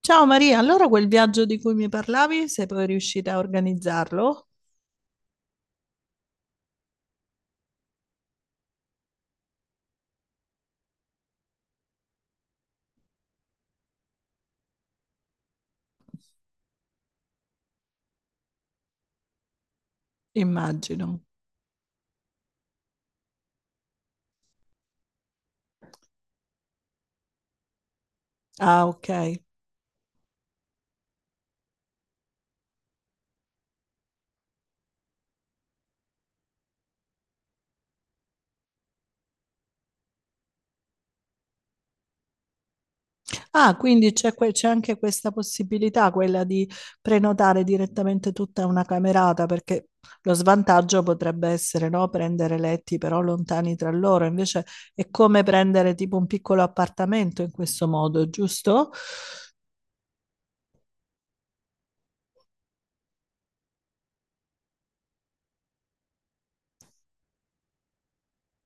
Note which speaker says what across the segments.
Speaker 1: Ciao Maria, allora quel viaggio di cui mi parlavi, sei poi riuscita a organizzarlo? Immagino. Ah, ok. Ah, quindi c'è anche questa possibilità, quella di prenotare direttamente tutta una camerata, perché lo svantaggio potrebbe essere, no, prendere letti però lontani tra loro, invece è come prendere tipo un piccolo appartamento in questo modo, giusto?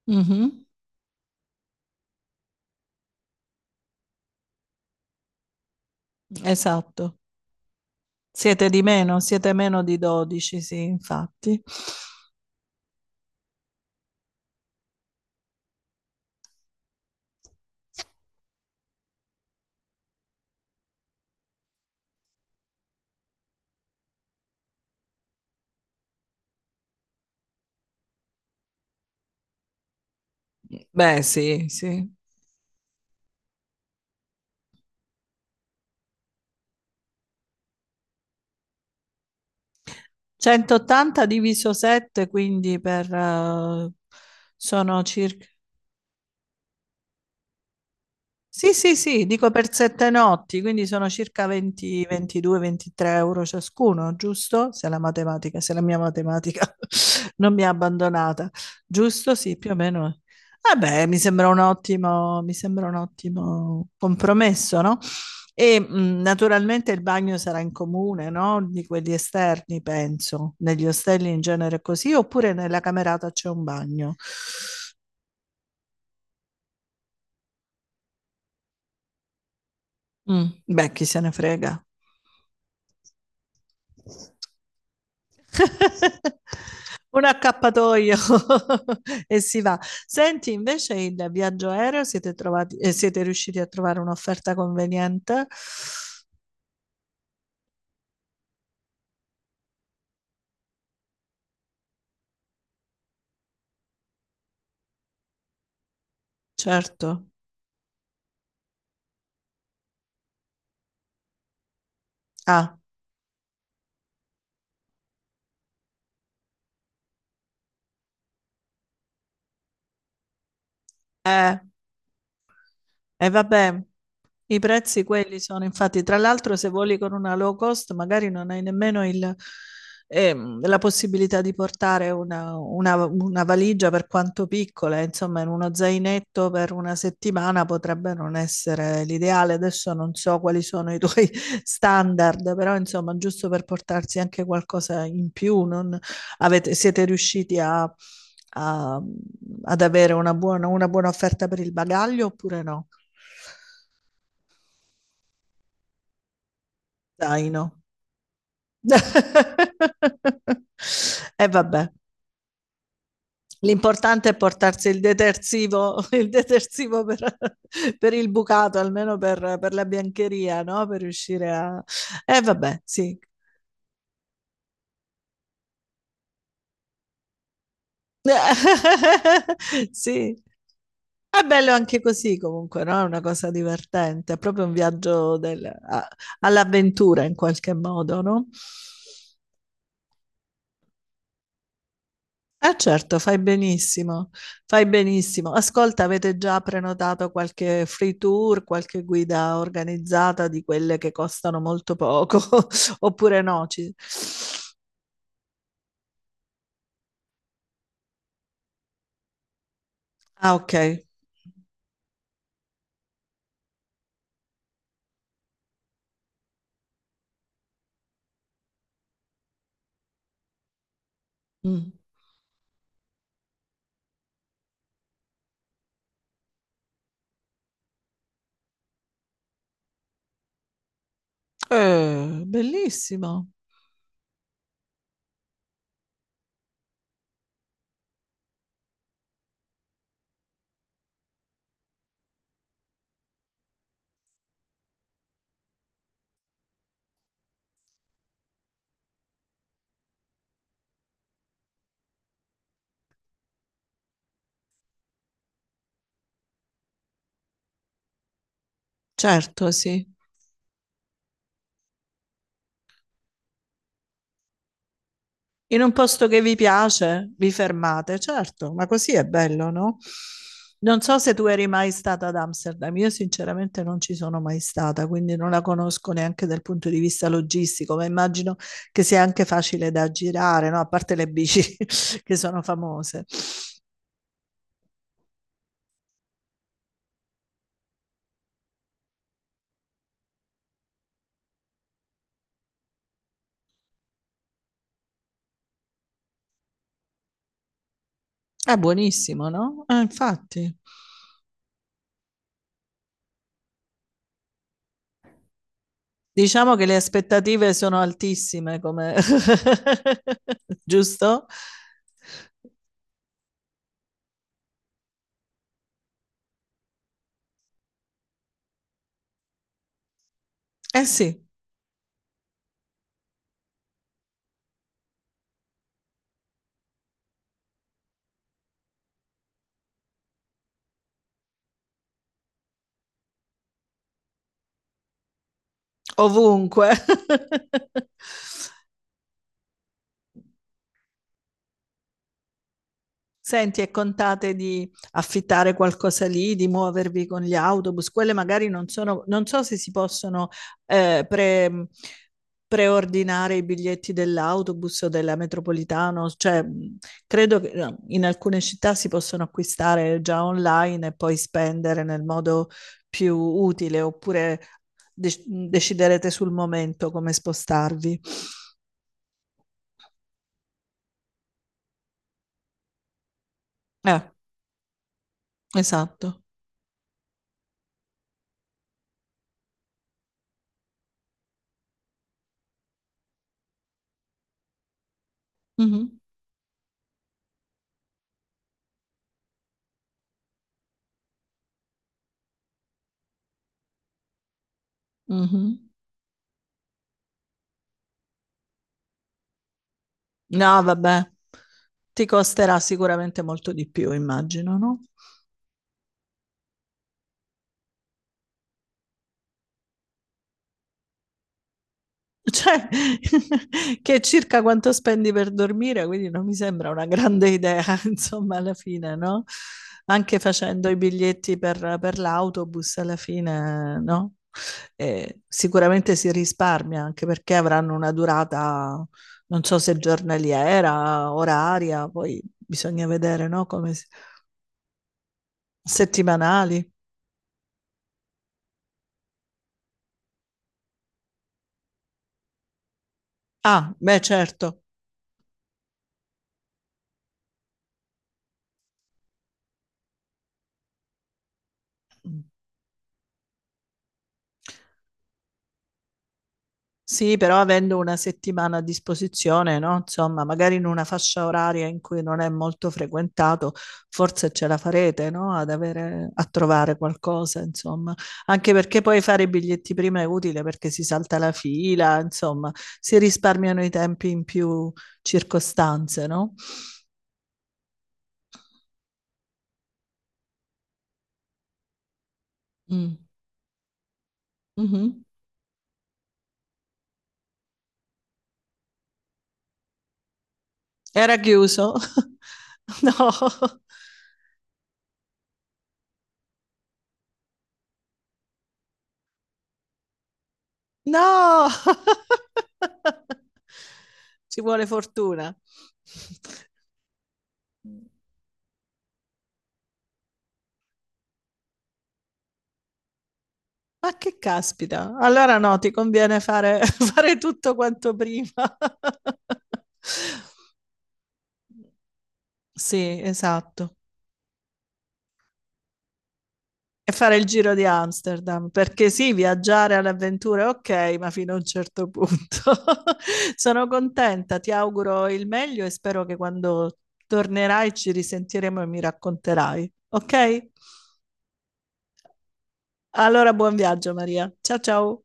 Speaker 1: Mhm. Esatto. Siete di meno, siete meno di 12, sì, infatti. Beh, sì, sì. 180 diviso 7, quindi per, sono sì, sì, sì, dico per 7 notti, quindi sono circa 20, 22, 23 euro ciascuno, giusto? Se se la mia matematica non mi ha abbandonata, giusto? Sì, più o meno. Eh beh, mi sembra un ottimo compromesso, no? E naturalmente il bagno sarà in comune, no? Di quelli esterni, penso. Negli ostelli in genere è così, oppure nella camerata c'è un bagno. Beh, chi se ne frega. Un accappatoio e si va. Senti, invece il viaggio aereo siete trovati siete riusciti a trovare un'offerta conveniente? Certo. Ah, eh. E vabbè, i prezzi quelli sono, infatti, tra l'altro se voli con una low cost magari non hai nemmeno la possibilità di portare una valigia per quanto piccola, insomma in uno zainetto per 1 settimana potrebbe non essere l'ideale. Adesso non so quali sono i tuoi standard, però insomma giusto per portarsi anche qualcosa in più, non, avete, siete riusciti a, a- ad avere una buona offerta per il bagaglio oppure no? Zaino. E vabbè, l'importante è portarsi il detersivo, per il bucato, almeno per la biancheria, no? Per riuscire a... E vabbè, sì. Sì. È bello anche così comunque, no? È una cosa divertente, è proprio un all'avventura in qualche modo, no? Eh certo, fai benissimo. Ascolta, avete già prenotato qualche free tour, qualche guida organizzata di quelle che costano molto poco, oppure no? Ah, ok. Mm. Bellissimo, certo, sì. In un posto che vi piace, vi fermate, certo, ma così è bello, no? Non so se tu eri mai stata ad Amsterdam, io sinceramente non ci sono mai stata, quindi non la conosco neanche dal punto di vista logistico, ma immagino che sia anche facile da girare, no? A parte le bici che sono famose. È buonissimo, no? Infatti. Diciamo che le aspettative sono altissime, come... giusto? Eh sì, ovunque. Senti, e contate di affittare qualcosa lì, di muovervi con gli autobus? Quelle magari non sono, non so se si possono eh, pre- preordinare i biglietti dell'autobus o della metropolitana, cioè credo che no, in alcune città si possono acquistare già online e poi spendere nel modo più utile, oppure deciderete sul momento come spostarvi. Eh, esatto. Mhm, mhm. No, vabbè, ti costerà sicuramente molto di più, immagino, no? Cioè, che è circa quanto spendi per dormire, quindi non mi sembra una grande idea, insomma, alla fine, no? Anche facendo i biglietti per l'autobus, alla fine, no? Sicuramente si risparmia, anche perché avranno una durata, non so se giornaliera, oraria, poi bisogna vedere, no? Settimanali. Ah, beh, certo. Sì, però avendo una settimana a disposizione, no? Insomma, magari in una fascia oraria in cui non è molto frequentato, forse ce la farete, no? Ad avere, a trovare qualcosa, insomma. Anche perché poi fare i biglietti prima è utile perché si salta la fila, insomma, si risparmiano i tempi in più circostanze, no? Mm. Mhm. Era chiuso? No. No! Ci vuole fortuna. Ma che caspita! Allora no, ti conviene fare, fare tutto quanto prima. Sì, esatto. E fare il giro di Amsterdam, perché sì, viaggiare all'avventura è ok, ma fino a un certo punto. Sono contenta, ti auguro il meglio e spero che quando tornerai ci risentiremo e mi racconterai, ok? Allora, buon viaggio Maria. Ciao ciao.